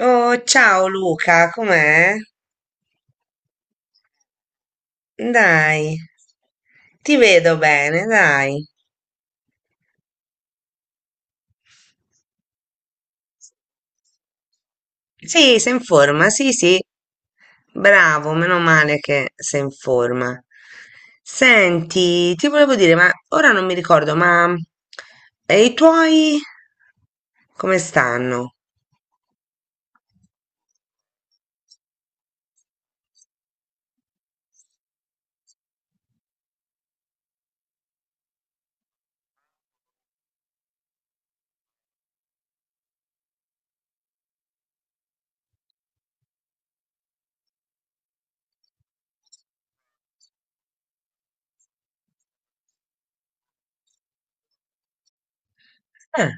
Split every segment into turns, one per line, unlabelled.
Oh, ciao Luca, com'è? Dai, ti vedo bene, dai. Sì, sei in forma, sì, sì. Bravo, meno male che sei in forma. Senti, ti volevo dire, ma ora non mi ricordo, ma e i tuoi come stanno? Eh.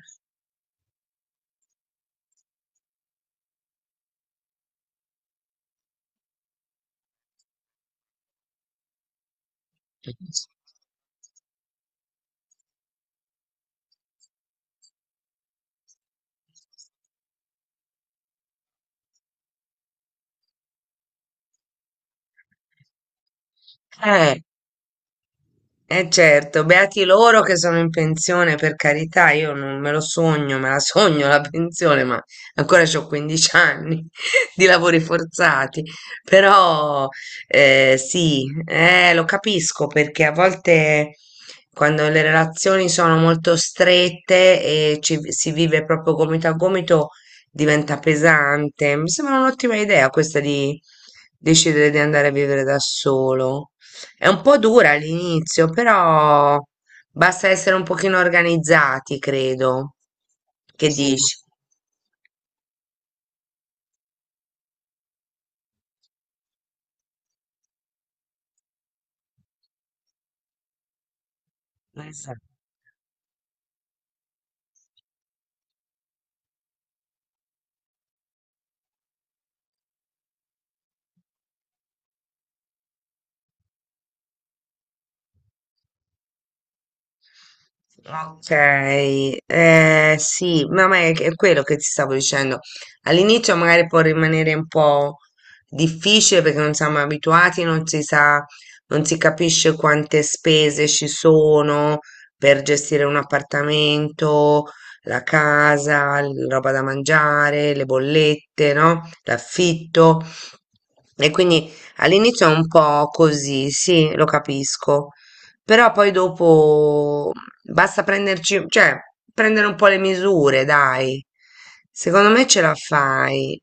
Eh. Eh, certo, beati loro che sono in pensione, per carità, io non me lo sogno, me la sogno la pensione, ma ancora ho 15 anni di lavori forzati. Però sì, lo capisco perché a volte quando le relazioni sono molto strette e si vive proprio gomito a gomito diventa pesante. Mi sembra un'ottima idea questa di decidere di andare a vivere da solo. È un po' dura all'inizio, però basta essere un pochino organizzati, credo. Che sì, dici? Eh sì. Ok, sì, ma è quello che ti stavo dicendo. All'inizio magari può rimanere un po' difficile perché non siamo abituati, non si sa, non si capisce quante spese ci sono per gestire un appartamento, la casa, roba da mangiare, le bollette, no? L'affitto. E quindi all'inizio è un po' così, sì, lo capisco. Però poi dopo basta prenderci, cioè, prendere un po' le misure, dai. Secondo me ce la fai.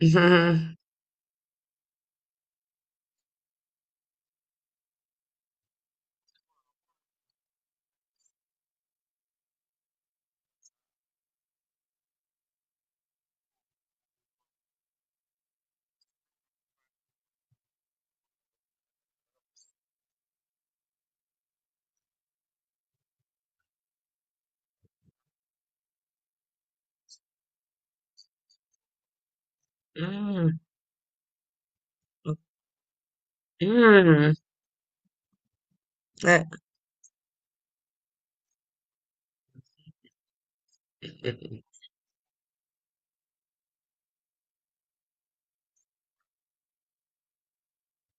Mm. Mm. Mm. Eh.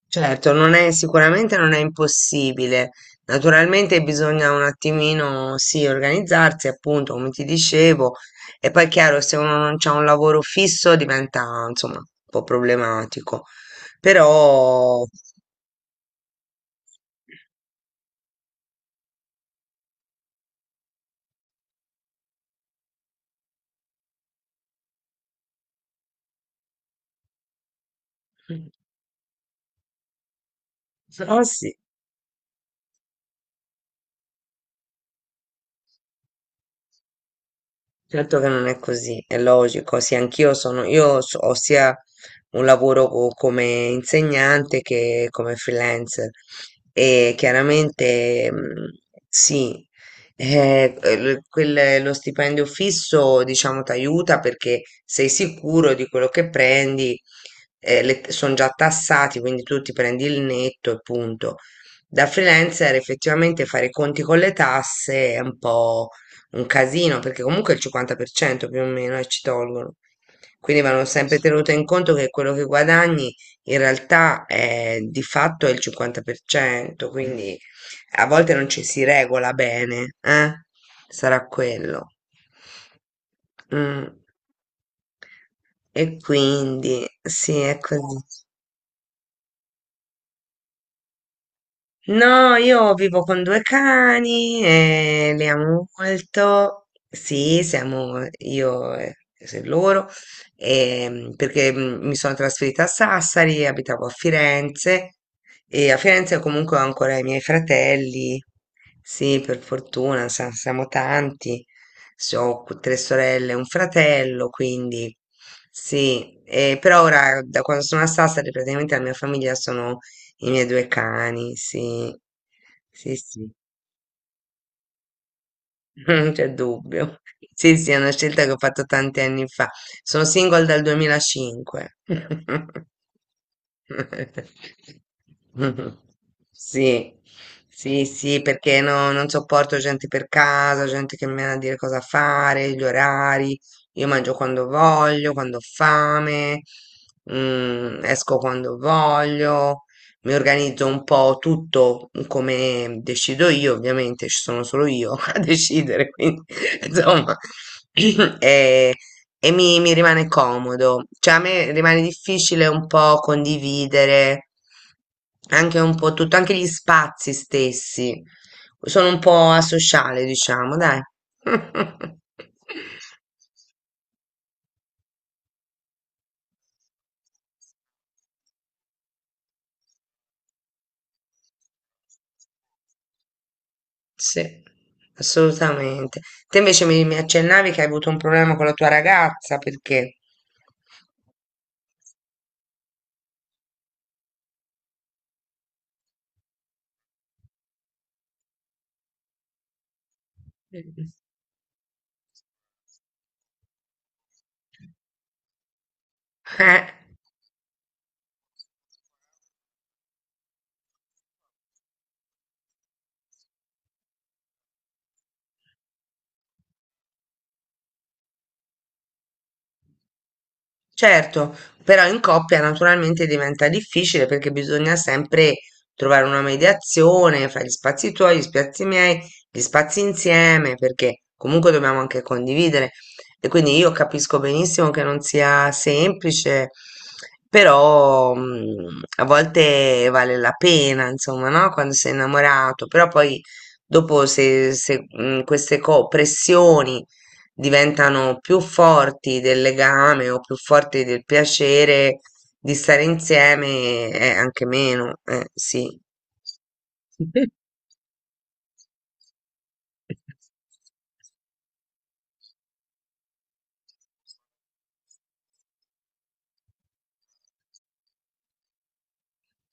Certo, non è, sicuramente non è impossibile. Naturalmente bisogna un attimino, sì, organizzarsi, appunto, come ti dicevo. E poi è chiaro, se uno non ha un lavoro fisso diventa, insomma, un po' problematico. Però... Però sì, certo che non è così, è logico. Sì, anch'io sono, ho sia un lavoro come insegnante che come freelancer e chiaramente sì, lo stipendio fisso, diciamo, ti aiuta perché sei sicuro di quello che prendi, sono già tassati, quindi tu ti prendi il netto e punto. Da freelancer effettivamente fare i conti con le tasse è un po' un casino, perché comunque il 50% più o meno, ci tolgono. Quindi vanno sempre, sì, tenuto in conto che quello che guadagni in realtà è, di fatto è il 50%, quindi a volte non ci si regola bene, eh? Sarà quello. Mm. E quindi sì, è così. No, io vivo con due cani e li amo molto. Sì, siamo io e loro, perché mi sono trasferita a Sassari, abitavo a Firenze e a Firenze comunque ho ancora i miei fratelli. Sì, per fortuna, siamo tanti. Ho tre sorelle e un fratello, quindi sì, però ora da quando sono a Sassari praticamente la mia famiglia i miei due cani, sì, sì, sì, non c'è dubbio. Sì, sì, è una scelta che ho fatto tanti anni fa. Sono single dal 2005. Sì, sì, sì, perché non sopporto gente per casa, gente che mi viene a dire cosa fare, gli orari. Io mangio quando voglio, quando ho fame, esco quando voglio, mi organizzo un po' tutto come decido io, ovviamente ci sono solo io a decidere, quindi insomma, e, e mi rimane comodo. Cioè a me rimane difficile un po' condividere anche un po' tutto, anche gli spazi stessi. Sono un po' asociale, diciamo, dai. Sì, assolutamente. Te invece mi accennavi che hai avuto un problema con la tua ragazza, perché? Mm. Eh? Certo, però in coppia naturalmente diventa difficile perché bisogna sempre trovare una mediazione fra gli spazi tuoi, gli spazi miei, gli spazi insieme, perché comunque dobbiamo anche condividere. E quindi io capisco benissimo che non sia semplice, però a volte vale la pena, insomma, no? Quando sei innamorato, però poi dopo se, se, queste pressioni diventano più forti del legame o più forti del piacere di stare insieme è anche meno, sì,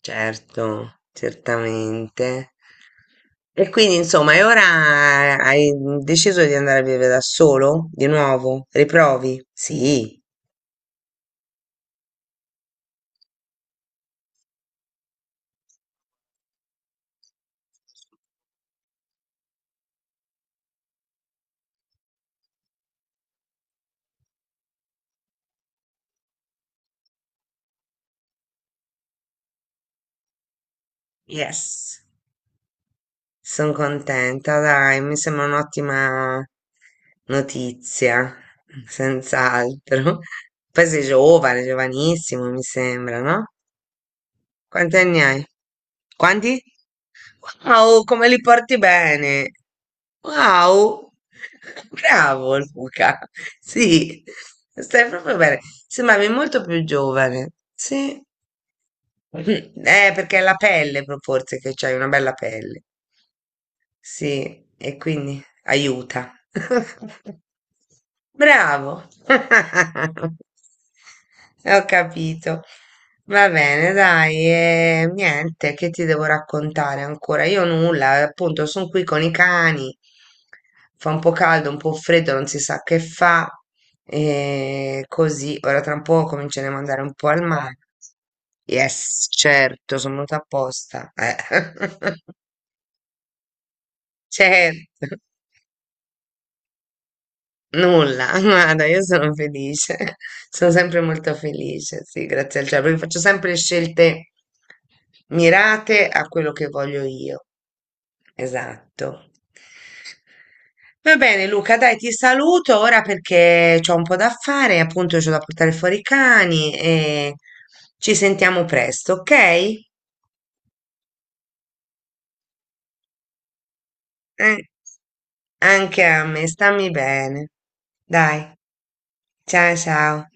certo, certamente. E quindi, insomma, e ora hai deciso di andare a vivere da solo? Di nuovo? Riprovi? Sì. Yes. Son contenta, dai, mi sembra un'ottima notizia, senz'altro. Poi sei giovane, giovanissimo, mi sembra, no? Quanti anni hai? Quanti? Wow, come li porti bene! Wow! Bravo Luca! Sì, stai proprio bene. Sembravi molto più giovane. Sì. Mm. Perché è la pelle, proprio, forse, che c'hai una bella pelle. Sì, e quindi aiuta. Bravo. Ho capito. Va bene, dai, e niente, che ti devo raccontare ancora? Io nulla, appunto, sono qui con i cani. Fa un po' caldo, un po' freddo, non si sa che fa. E così, ora tra un po' comincio a mandare un po' al mare. Yes, certo, sono venuta apposta. Certo. Nulla, guarda, io sono felice, sono sempre molto felice, sì, grazie al cielo, perché faccio sempre scelte mirate a quello che voglio io. Esatto. Va bene, Luca, dai, ti saluto ora perché ho un po' da fare, appunto, c'ho da portare fuori i cani e ci sentiamo presto, ok? Eh, anche a me, stammi bene. Dai, ciao ciao.